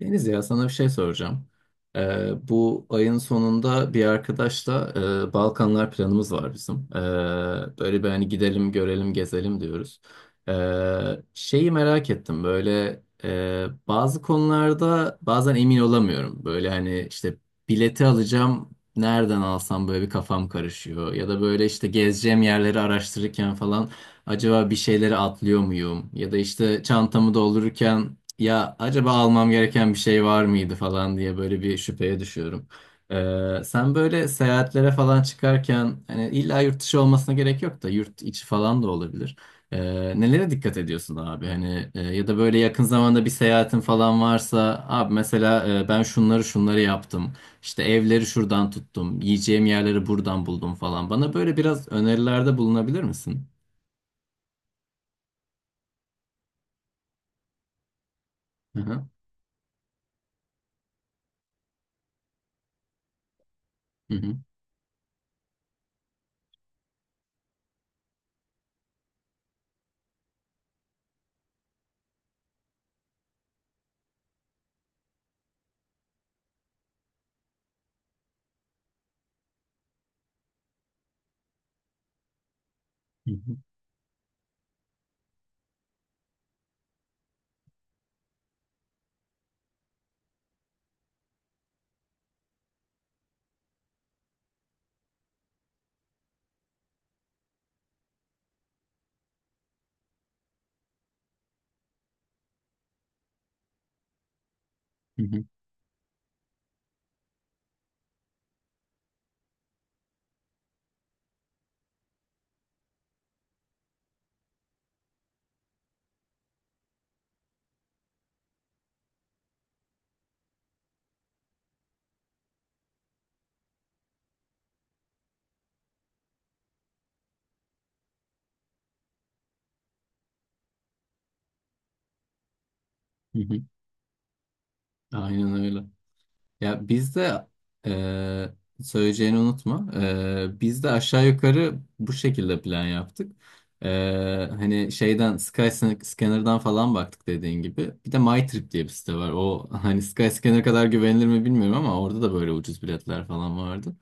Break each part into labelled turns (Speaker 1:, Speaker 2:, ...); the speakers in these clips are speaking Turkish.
Speaker 1: Deniz ya sana bir şey soracağım. Bu ayın sonunda bir arkadaşla Balkanlar planımız var bizim. Böyle bir hani gidelim, görelim, gezelim diyoruz. Şeyi merak ettim böyle bazı konularda bazen emin olamıyorum. Böyle hani işte bileti alacağım nereden alsam böyle bir kafam karışıyor. Ya da böyle işte gezeceğim yerleri araştırırken falan acaba bir şeyleri atlıyor muyum? Ya da işte çantamı doldururken ya acaba almam gereken bir şey var mıydı falan diye böyle bir şüpheye düşüyorum. Sen böyle seyahatlere falan çıkarken hani illa yurt dışı olmasına gerek yok da yurt içi falan da olabilir. Nelere dikkat ediyorsun abi? Hani ya da böyle yakın zamanda bir seyahatin falan varsa abi mesela ben şunları şunları yaptım. İşte evleri şuradan tuttum. Yiyeceğim yerleri buradan buldum falan. Bana böyle biraz önerilerde bulunabilir misin? Hı hı. Hı hı. Hı hı. Hı hı. Hı hı. Aynen öyle. Ya bizde eee söyleyeceğini unutma. Biz de aşağı yukarı bu şekilde plan yaptık. Hani şeyden Skyscanner'dan falan baktık dediğin gibi. Bir de MyTrip diye bir site var. O hani Skyscanner kadar güvenilir mi bilmiyorum ama orada da böyle ucuz biletler falan vardı.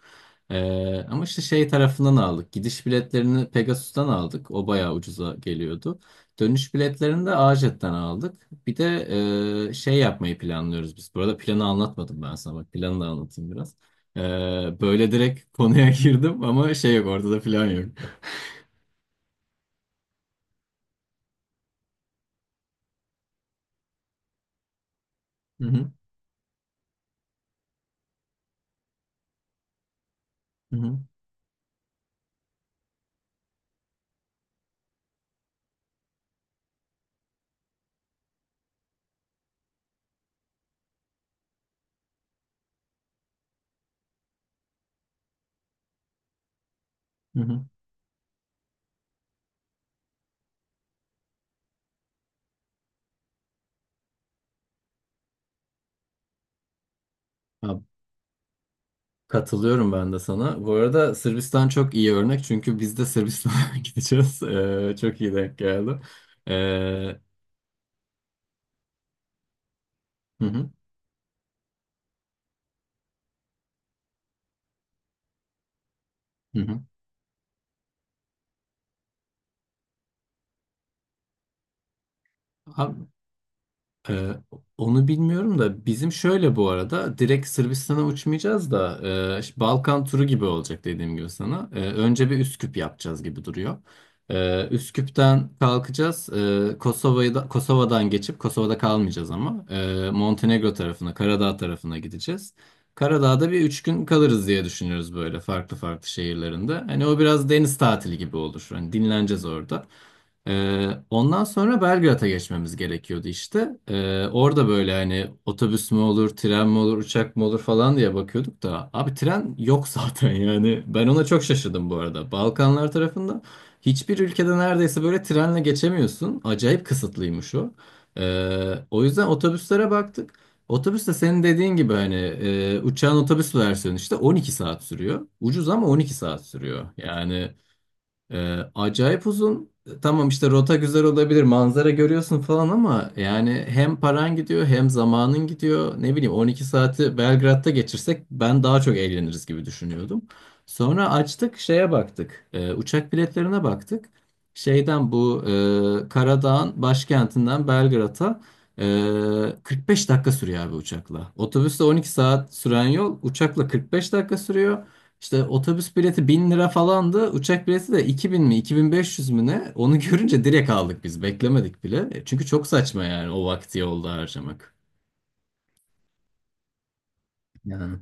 Speaker 1: Ama işte şey tarafından aldık. Gidiş biletlerini Pegasus'tan aldık. O bayağı ucuza geliyordu. Dönüş biletlerini de AJet'ten aldık. Bir de şey yapmayı planlıyoruz biz. Bu arada planı anlatmadım ben sana. Bak planı da anlatayım biraz. E, Böyle direkt konuya girdim ama şey yok ortada plan yok. Hı hı, hı hı, hı hı. Ha, katılıyorum ben de sana. Bu arada Sırbistan çok iyi örnek çünkü biz de Sırbistan'a gideceğiz. Çok iyi denk geldi. E, hı hı, hı hı. Abi, Ee, onu bilmiyorum da bizim şöyle bu arada direkt Sırbistan'a uçmayacağız da işte Balkan turu gibi olacak dediğim gibi sana. Önce bir Üsküp yapacağız gibi duruyor. Üsküp'ten kalkacağız. Kosova'yı da, Kosova'dan geçip Kosova'da kalmayacağız ama Montenegro tarafına, Karadağ tarafına gideceğiz. Karadağ'da bir 3 gün kalırız diye düşünüyoruz böyle farklı farklı şehirlerinde. Hani o biraz deniz tatili gibi olur. Hani dinleneceğiz orada. Ondan sonra Belgrad'a geçmemiz gerekiyordu işte. Orada böyle hani otobüs mü olur, tren mi olur, uçak mı olur falan diye bakıyorduk da abi tren yok zaten yani. Ben ona çok şaşırdım bu arada. Balkanlar tarafında hiçbir ülkede neredeyse böyle trenle geçemiyorsun. Acayip kısıtlıymış o. O yüzden otobüslere baktık. Otobüs de senin dediğin gibi hani uçağın otobüs versiyonu işte 12 saat sürüyor. Ucuz ama 12 saat sürüyor. Yani acayip uzun. Tamam işte rota güzel olabilir, manzara görüyorsun falan ama yani hem paran gidiyor hem zamanın gidiyor. Ne bileyim 12 saati Belgrad'da geçirsek ben daha çok eğleniriz gibi düşünüyordum. Sonra açtık şeye baktık. Uçak biletlerine baktık. Şeyden bu Karadağ'ın başkentinden Belgrad'a 45 dakika sürüyor abi uçakla. Otobüsle 12 saat süren yol uçakla 45 dakika sürüyor. İşte otobüs bileti 1.000 lira falandı. Uçak bileti de 2.000 mi 2.500 mü ne? Onu görünce direkt aldık biz. Beklemedik bile. Çünkü çok saçma yani o vakti yolda harcamak. Yani.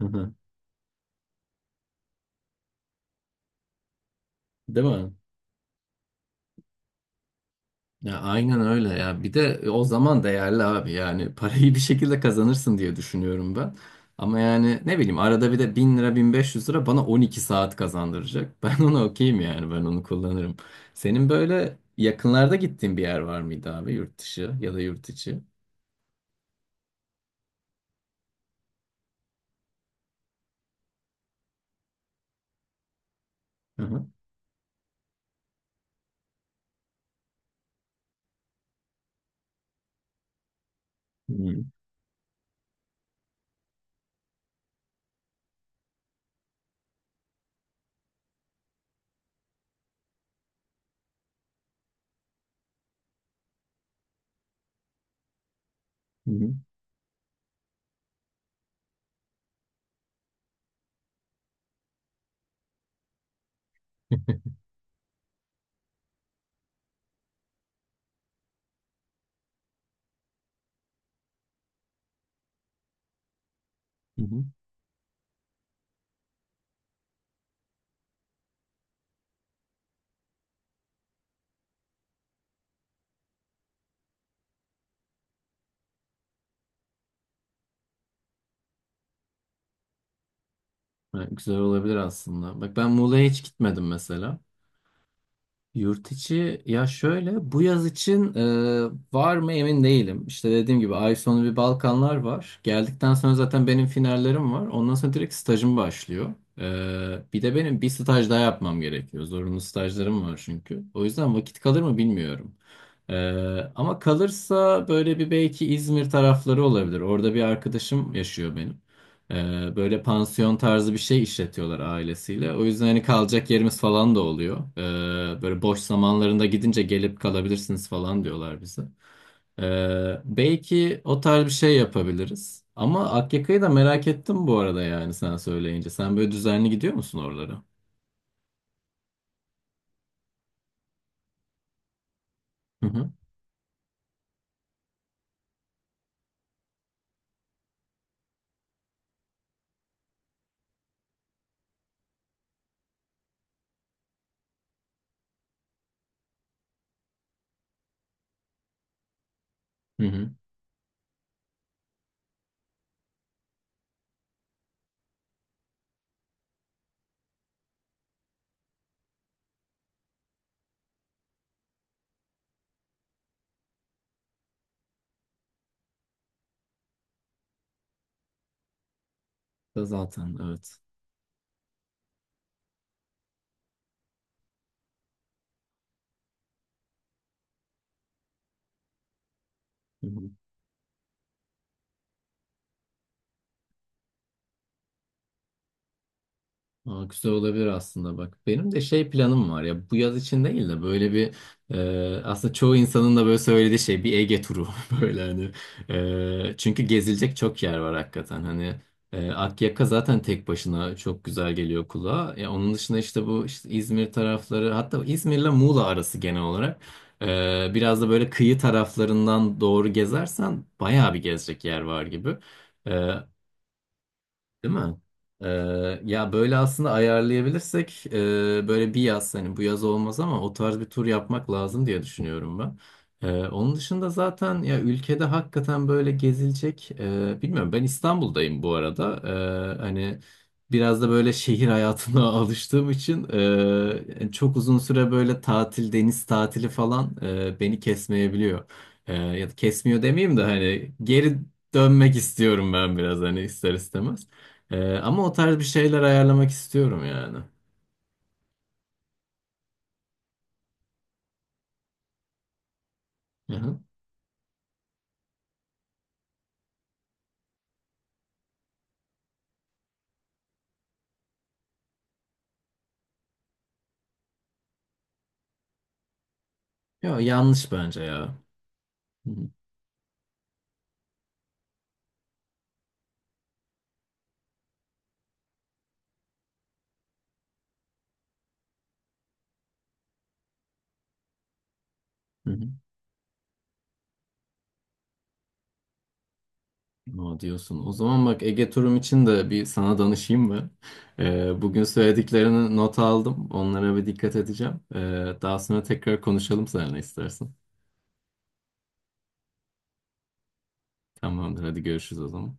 Speaker 1: Hı hı. Değil mi? Ya aynen öyle ya. Bir de o zaman değerli abi yani parayı bir şekilde kazanırsın diye düşünüyorum ben. Ama yani ne bileyim arada bir de 1.000 lira 1.500 lira bana 12 saat kazandıracak. Ben ona okeyim yani ben onu kullanırım. Senin böyle yakınlarda gittiğin bir yer var mıydı abi yurt dışı ya da yurt içi? Hı hı. Hı hı. Evet, güzel olabilir aslında. Bak ben Muğla'ya hiç gitmedim mesela. Yurt içi ya şöyle bu yaz için var mı emin değilim. İşte dediğim gibi ay sonu bir Balkanlar var. Geldikten sonra zaten benim finallerim var. Ondan sonra direkt stajım başlıyor. Bir de benim bir staj daha yapmam gerekiyor. Zorunlu stajlarım var çünkü. O yüzden vakit kalır mı bilmiyorum. E, Ama kalırsa böyle bir belki İzmir tarafları olabilir. Orada bir arkadaşım yaşıyor benim. Böyle pansiyon tarzı bir şey işletiyorlar ailesiyle. O yüzden hani kalacak yerimiz falan da oluyor. Böyle boş zamanlarında gidince gelip kalabilirsiniz falan diyorlar bize. Belki o tarz bir şey yapabiliriz. Ama Akyaka'yı da merak ettim bu arada yani sen söyleyince. Sen böyle düzenli gidiyor musun oralara? Hı hı. Hı hı. Da zaten evet. Hı hı. Aa, güzel olabilir aslında bak. Benim de şey planım var ya bu yaz için değil de böyle bir aslında çoğu insanın da böyle söylediği şey bir Ege turu böyle hani. Çünkü gezilecek çok yer var hakikaten hani. Akyaka zaten tek başına çok güzel geliyor kulağa. Ya onun dışında işte bu işte İzmir tarafları hatta İzmir'le Muğla arası genel olarak biraz da böyle kıyı taraflarından doğru gezersen bayağı bir gezecek yer var gibi. E, Değil mi? Ee, Ya böyle aslında ayarlayabilirsek böyle bir yaz hani bu yaz olmaz ama o tarz bir tur yapmak lazım diye düşünüyorum ben. Onun dışında zaten ya ülkede hakikaten böyle gezilecek bilmiyorum ben İstanbul'dayım bu arada. Hani biraz da böyle şehir hayatına alıştığım için yani çok uzun süre böyle tatil deniz tatili falan beni kesmeyebiliyor. Ya da kesmiyor demeyeyim de hani geri dönmek istiyorum ben biraz hani ister istemez. Ama o tarz bir şeyler ayarlamak istiyorum yani. Hı hı. Yo, yanlış bence ya. Hı hı. Hı hı. Aa, diyorsun. O zaman bak Ege turum için de bir sana danışayım mı? Bugün söylediklerini not aldım. Onlara bir dikkat edeceğim. Daha sonra tekrar konuşalım seninle istersen. Tamamdır. Hadi görüşürüz o zaman.